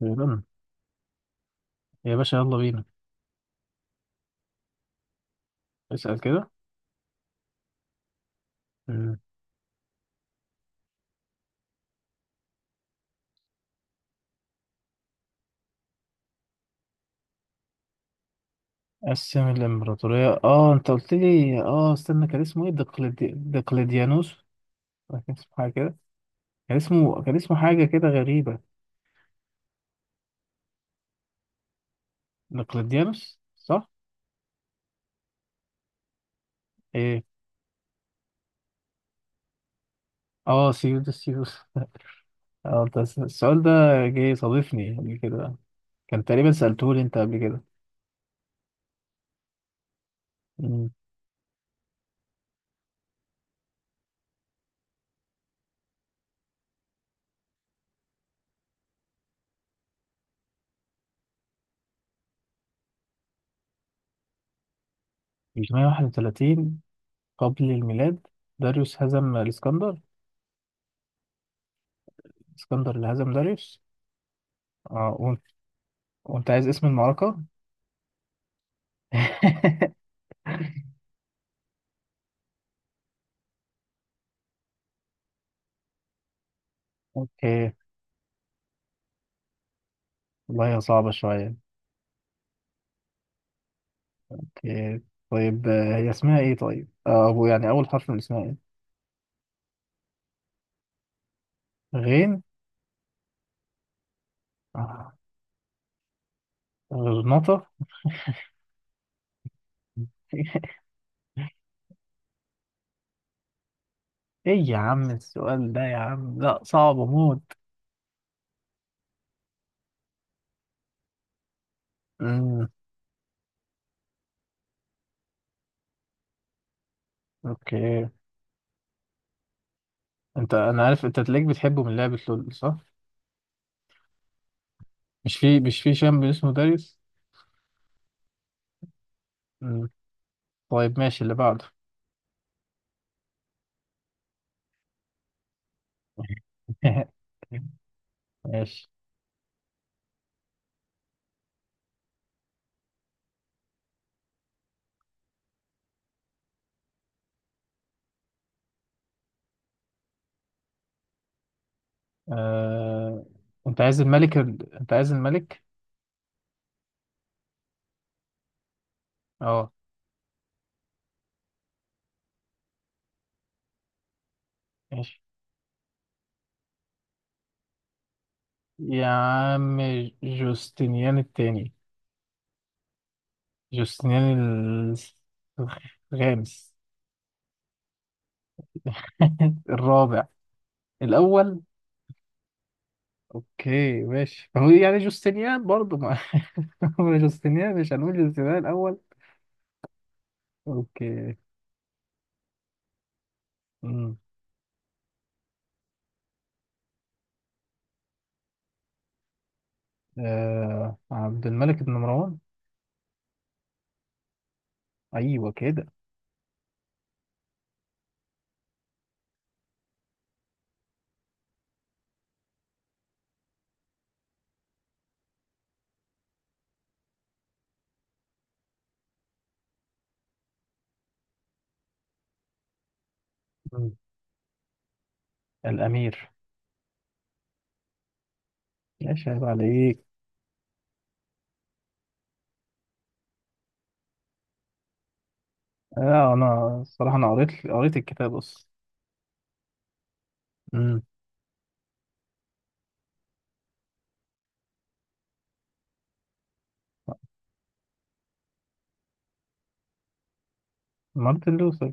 تمام. يا باشا، يلا بينا. اسأل كده. مم. قسم الإمبراطورية، انت قلت لي، استنى كان اسمه ايه؟ دقلديانوس. ولا كان اسمه حاجة كده. كان اسمه حاجة كده غريبة. دقلديانوس صح؟ ايه. اه، سيودس سيودس. اه، انت السؤال ده جه صادفني قبل كده. كان تقريبا سألته لي انت قبل كده. مم. 331 قبل الميلاد. داريوس هزم الاسكندر. الاسكندر اللي هزم داريوس. اه وانت وانت عايز اسم المعركة. اوكي. والله هي صعبة شوية. اوكي. طيب، هي اسمها ايه طيب؟ أبو يعني، أول حرف من اسمها ايه؟ غين. آه، غرناطة. ايه يا عم، السؤال ده يا عم، لا صعب موت. امم. اوكي. انا عارف انت تلاقيك بتحبه من لعبة لول، صح؟ مش في شامب اسمه داريus. امم. طيب ماشي اللي بعده. ماشي. آه... انت عايز الملك؟ اه. ماشي. يا عم، جوستنيان التاني. جوستنيان الخامس. الرابع. الأول. أوكي ماشي، ما هو يعني جوستنيان برضه ما. هو جوستنيان، مش هنقول جوستنيان الأول. أوكي. أمم. عبد الملك بن مروان. أيوه كده. أمم. الأمير. ماشي، عيب عليك. أنا الصراحة، أنا قريت الكتاب أصلا. أمم. مارتن لوثر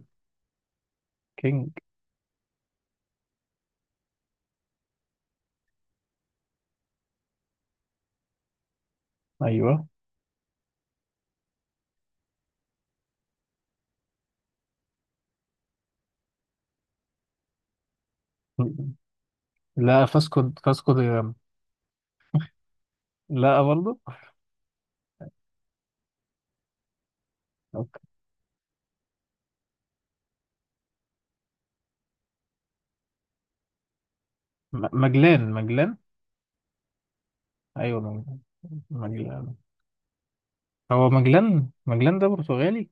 كينج. أيوه. لا، فاسكو دي جاما. لا برضه. أوكي. مجلان. ايوه مجلان. مجلان. هو مجلان ده برتغالي.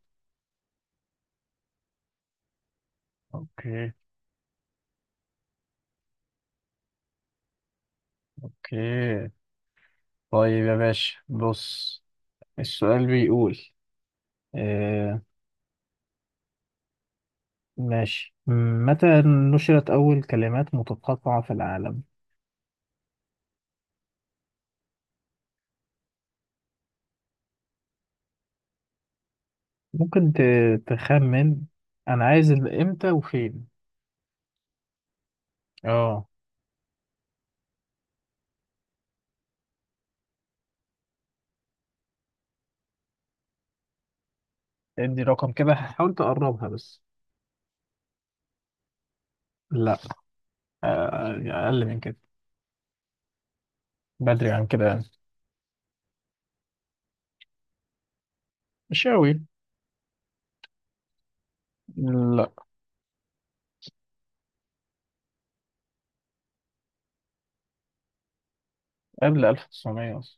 اوكي. اوكي. طيب يا باشا بص، السؤال بيقول، آه ماشي. متى نشرت أول كلمات متقاطعة في العالم؟ ممكن تخمن. أنا عايز إمتى وفين؟ اه ادي رقم كده، حاول تقربها بس. لا، أقل من كده، بدري عن كده. مش أوي. لا، قبل 1900 أصلا.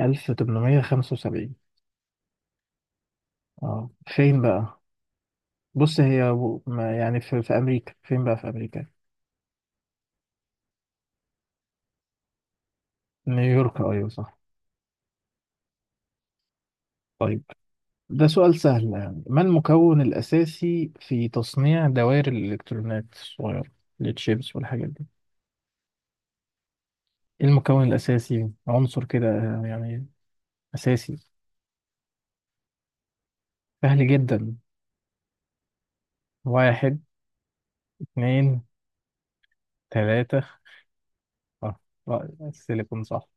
1875. اه فين بقى؟ بص، هي ما يعني، في, أمريكا. فين بقى؟ في أمريكا. نيويورك، أيوة صح. طيب، ده سؤال سهل يعني. ما المكون الأساسي في تصنيع دوائر الإلكترونات الصغيرة، التشيبس والحاجات دي؟ إيه المكون الأساسي؟ عنصر كده، يعني أساسي. سهل جدا. واحد، اتنين، تلاتة. اه، السيليكون صح.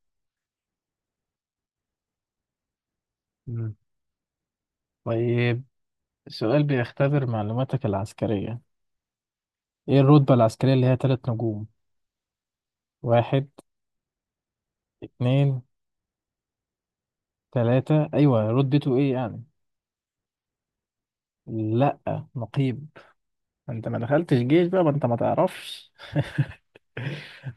مم. طيب، السؤال بيختبر معلوماتك العسكرية. ايه الرتبة العسكرية اللي هي تلات نجوم؟ واحد، اتنين، تلاتة. ايوه، رتبته ايه يعني؟ لا، نقيب. انت ما دخلتش جيش بقى، ما انت ما تعرفش.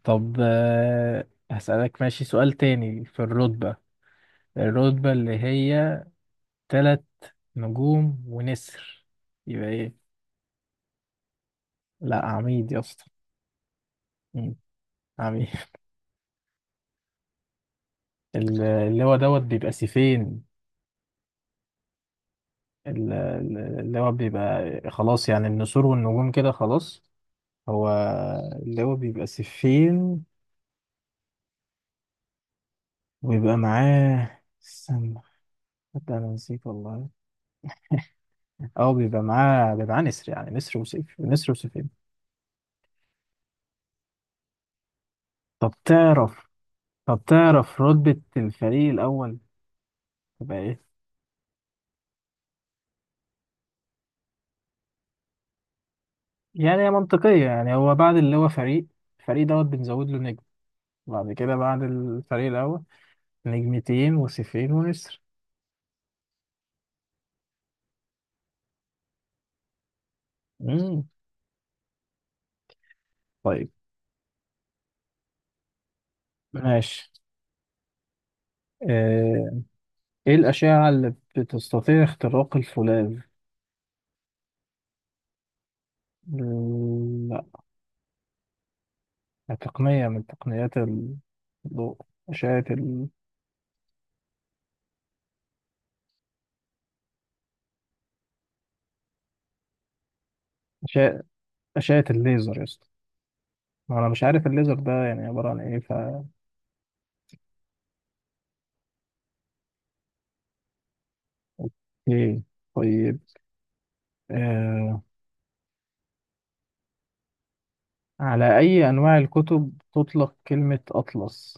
طب هسألك ماشي، سؤال تاني في الرتبة. الرتبة اللي هي تلات نجوم ونسر، يبقى ايه؟ لا، عميد يا اسطى. مم. عميد. اللي هو دوت بيبقى سيفين. اللي هو بيبقى خلاص، يعني النسور والنجوم كده خلاص. هو اللي هو بيبقى سفين، ويبقى معاه، استنى، حتى انا نسيت والله. اه بيبقى معاه، نسر، يعني نسر وسيف، نسر وسيفين. طب تعرف طب تعرف رتبة الفريق الأول تبقى ايه؟ يعني هي منطقية يعني، هو بعد اللي هو فريق. الفريق دوت بنزود له نجم. بعد كده، بعد الفريق الأول، نجمتين وسيفين ونسر. مم. طيب ماشي، آه، ايه الأشعة اللي بتستطيع اختراق الفولاذ؟ ال- لا، تقنية من تقنيات الضوء. أشعة ال... أشعة أشعة الليزر يا اسطى. ما أنا مش عارف الليزر ده يعني عبارة عن إيه، ف إيه. طيب آه... على أي أنواع الكتب تطلق كلمة أطلس؟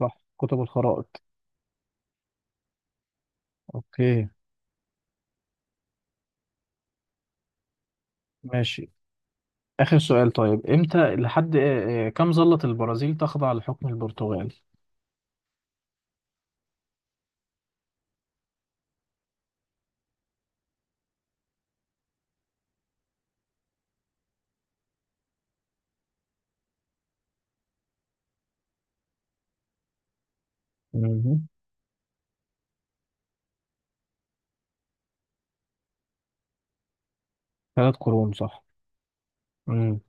صح، كتب الخرائط. أوكي. ماشي. آخر سؤال، طيب إمتى لحد آه... آه، كم ظلت البرازيل تخضع لحكم البرتغال؟ مهم. ثلاث قرون صح. مم.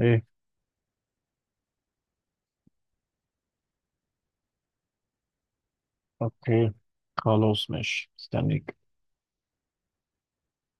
ايه. اوكي خلاص، ماشي، استنيك.